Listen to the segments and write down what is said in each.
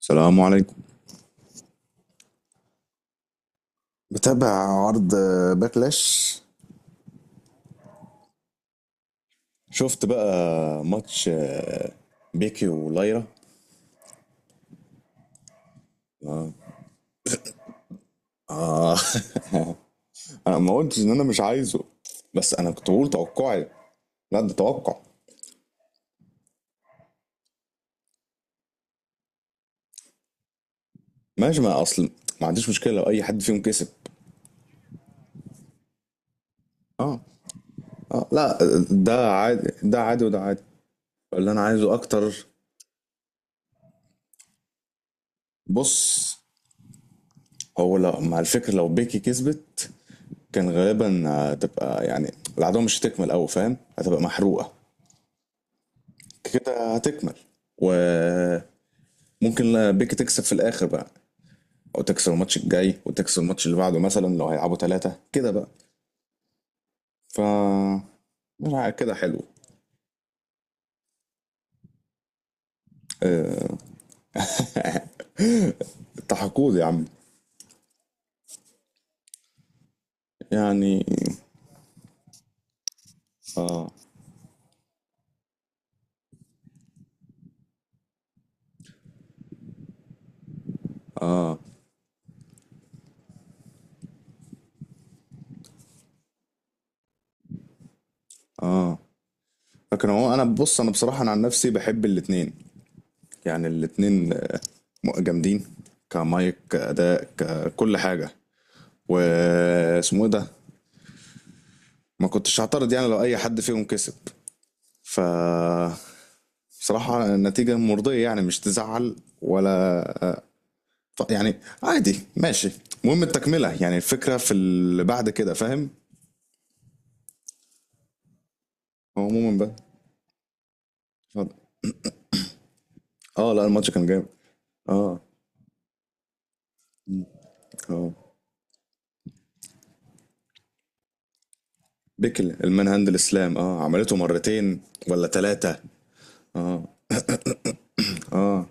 السلام عليكم. متابع عرض باكلاش. شفت بقى ماتش بيكي ولايرا. آه. انا ما قلتش ان انا مش عايزه، بس انا كنت بقول توقعي. لا ده توقع. ماشي، ما اصل ما عنديش مشكله لو اي حد فيهم كسب. اه، اه لا، ده عادي ده عادي وده عادي. اللي انا عايزه اكتر. بص، هو لو مع الفكره لو بيكي كسبت كان غالبا هتبقى يعني العداوه مش هتكمل قوي، فاهم؟ هتبقى محروقه. كده هتكمل، وممكن بيك تكسب في الاخر بقى، او تكسب الماتش الجاي وتكسب الماتش اللي بعده مثلا لو هيلعبوا ثلاثة كده بقى. ف لا، كده حلو. التحقود يا عم. يعني اه. اه، اه لكن هو، انا بص، انا بصراحة انا عن نفسي بحب الاتنين. يعني الاتنين جامدين كمايك كأداء ككل حاجة. واسمه ايه ده؟ ما كنتش هعترض يعني لو اي حد فيهم كسب. ف بصراحة نتيجة مرضية، يعني مش تزعل ولا يعني، عادي ماشي. المهم التكملة، يعني الفكرة في اللي بعد كده، فاهم؟ هو عموما بقى اتفضل. اه لا، الماتش كان جامد. اه اه، بيكل المان هاند الاسلام، اه عملته مرتين ولا ثلاثة. اه اه،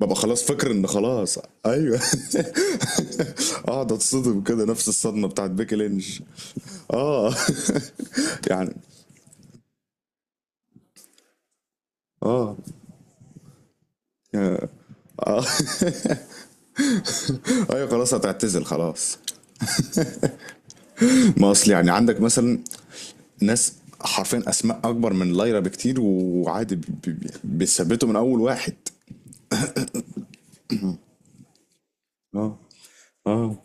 ببقى خلاص فاكر ان خلاص. ايوه، اقعد اتصدم كده نفس الصدمة بتاعت بيكي لينش. اه يعني اه. اه ايوه خلاص هتعتزل خلاص. ما اصل يعني عندك مثلا ناس حرفيا اسماء اكبر من لايرا بكتير وعادي، بيثبتوا من اول واحد. اه، اه،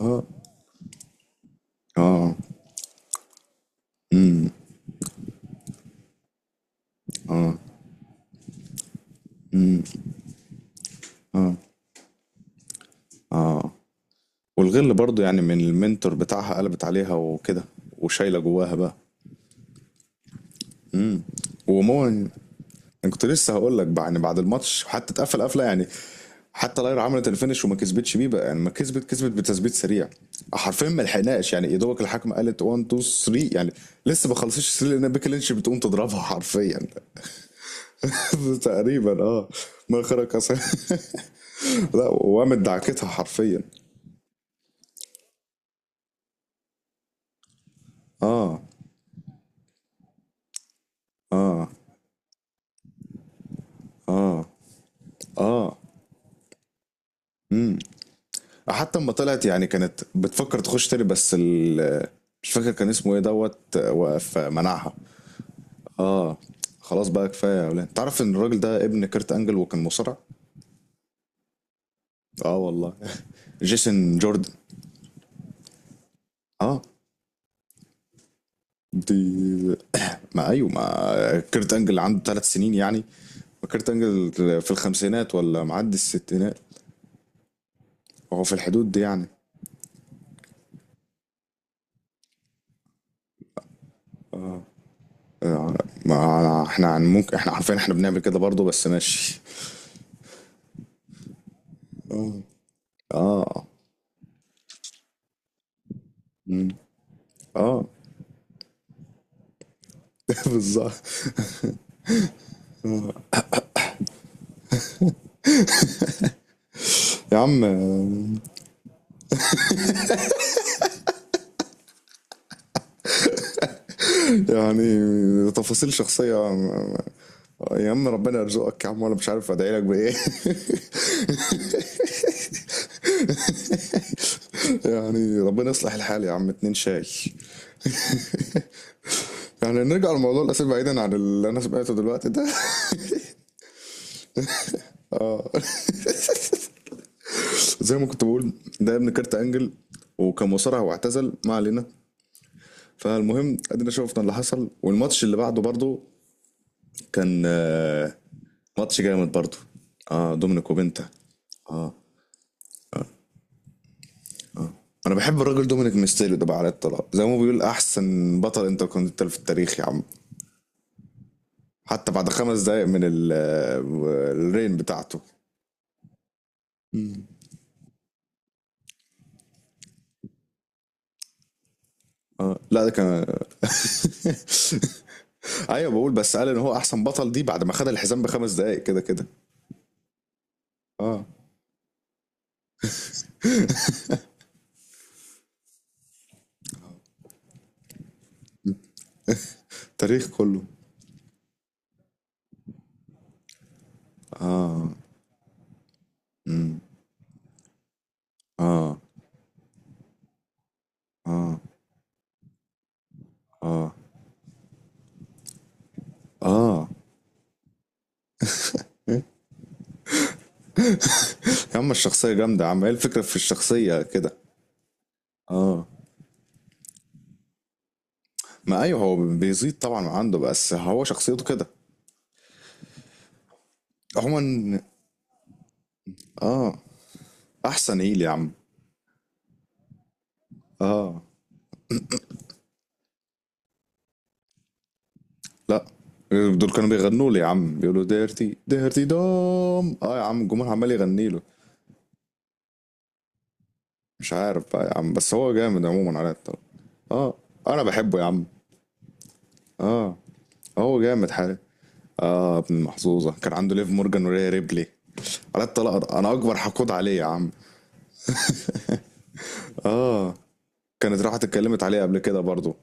اه، اه، اه، اه. اه، والغل برضو يعني من المنتور بتاعها قلبت عليها وكده، وشايله جواها بقى. ومون، انا كنت لسه هقول لك يعني بعد الماتش حتى اتقفل قفله، يعني حتى لاير عملت الفينش وما كسبتش بيه بقى، يعني ما كسبت، كسبت بتثبيت سريع. حرفيا ما لحقناش يعني، يا دوبك الحكم قالت 1 2 3 يعني. لسه ما خلصتش 3 لان بيكي لينش بتقوم تضربها حرفيا. تقريبا اه. ما خرج أصلاً. لا، وقامت دعكتها حرفيا. اه، اه، اه، اه. امم حتى اما طلعت يعني كانت بتفكر تخش تاني، بس مش فاكر كان اسمه ايه، دوت وقف منعها. اه، خلاص بقى كفايه يا اولاد. تعرف ان الراجل ده ابن كيرت انجل وكان مصارع؟ اه والله، جيسون جوردن. اه، دي ما ايوه، ما كيرت انجل عنده ثلاث سنين يعني. ما كيرت انجل في الخمسينات ولا معدي الستينات. هو في الحدود دي يعني. آه، ما احنا عن ممكن، احنا عارفين احنا بنعمل كده برضه، بس ماشي. اه، اه، مم. اه بالظبط يا عم. يعني تفاصيل شخصية؟ يا عم ربنا يرزقك يا عم، وانا مش عارف ادعي لك بايه يعني ربنا يصلح الحال يا عم. اتنين شاي. يعني نرجع لموضوع الاسئله بعيدا عن اللي انا سمعته دلوقتي ده. زي ما كنت بقول، ده ابن كارت انجل وكان مصارع واعتزل، ما علينا. فالمهم ادينا شفنا اللي حصل، والماتش اللي بعده برضه كان ماتش جامد برضه. اه دومينيك وبنتا. اه انا بحب الراجل دومينيك ميستيريو ده بقى على الطلاق. زي ما هو بيقول، احسن بطل انتركونتيننتال في التاريخ يا عم. حتى بعد خمس دقايق من الرين بتاعته. مم. اه لا، ده كان ايوه بقول، بس قال ان هو احسن بطل دي بعد ما خد الحزام بخمس دقايق كده كده. اه تاريخ كله. اه، امم اه، اه، اه. اه يا عم الشخصيه جامده يا عم. ايه الفكره في الشخصيه كده؟ اه، ما ايوه هو بيزيد طبعا من عنده، بس هو شخصيته كده عموما. اه احسن ايه يا عم. اه لا، دول كانوا بيغنوا لي يا عم، بيقولوا ديرتي ديرتي دوم. اه يا عم الجمهور عمال يغني له. مش عارف بقى يا عم، بس هو جامد عموما على الطرب. اه انا بحبه يا عم. اه، هو جامد حالي. اه ابن المحظوظه كان عنده ليف مورجان وريا ريبلي. على الطلاق انا اكبر حقود عليه يا عم. اه كانت راحت اتكلمت عليه قبل كده برضو.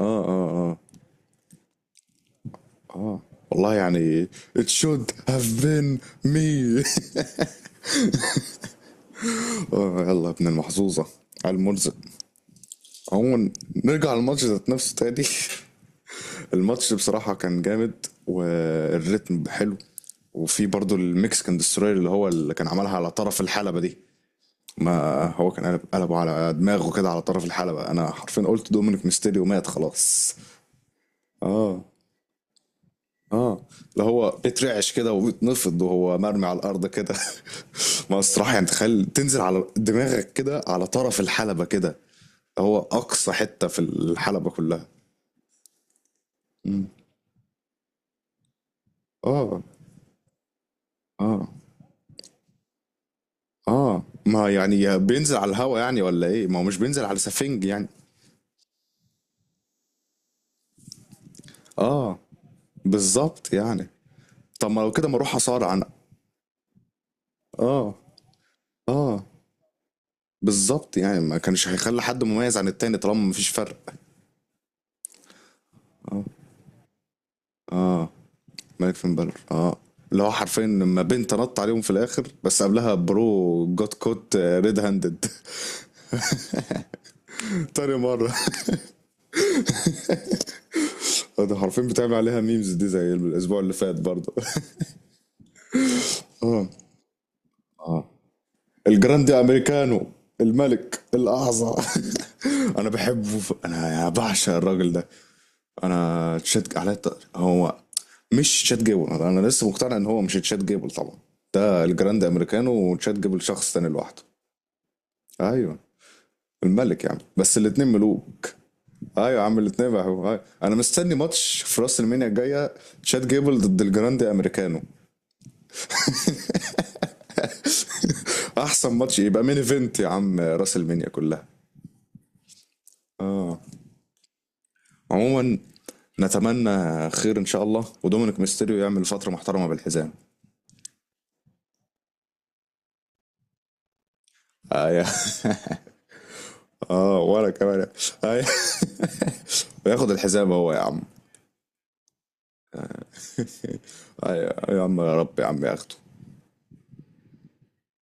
اه، اه، اه، اه والله يعني it should have been me اه يلا يا ابن المحظوظة على المرزق. عموما نرجع للماتش ذات نفسه تاني. الماتش بصراحة كان جامد والريتم حلو. وفي برضو المكسيكان دستروير اللي هو اللي كان عملها على طرف الحلبة دي. ما هو كان قلب قلبه على دماغه كده على طرف الحلبة، انا حرفيا قلت دومينيك ميستيريو مات خلاص. اه، اه، اللي هو بيترعش كده وبيتنفض وهو مرمي على الارض كده. ما الصراحة يعني تخيل تنزل على دماغك كده على طرف الحلبة كده. هو اقصى حته في الحلبه كلها. مم. اه، اه، اه، ما يعني بينزل على الهوا يعني ولا ايه، ما هو مش بينزل على سفنج يعني. اه بالظبط يعني. طب ما لو كده ما اروح اصارع انا؟ اه، اه بالظبط يعني. ما كانش هيخلي حد مميز عن التاني طالما مفيش فرق. اه، اه، ملك فين بالور اه. اللي هو حرفيا لما بنت نط عليهم في الاخر، بس قبلها برو جوت كوت ريد هاندد. تاني مره. ده حرفيا بتعمل عليها ميمز دي زي الاسبوع اللي فات برضه. اه، اه الجراندي امريكانو. الملك الاعظم انا بحبه انا بعشق الراجل ده. انا تشات على هو مش تشات جيبل، انا لسه مقتنع ان هو مش تشات جيبل طبعا. ده الجراند امريكانو، وتشات جيبل شخص تاني لوحده. ايوه الملك يا عم، بس الاتنين ملوك. ايوه يا عم الاتنين بقى. أيوة. انا مستني ماتش في راس المينيا الجايه، تشات جيبل ضد الجراند امريكانو. احسن ماتش يبقى مين ايفنت يا عم راس المينيا كلها. آه. عموما نتمنى خير ان شاء الله، ودومينيك ميستيريو يعمل فتره محترمه بالحزام. اه يا اه وانا كمان. آه يا- وياخد الحزام هو يا عم. آه يا، آه يا عم يا رب يا عم ياخده.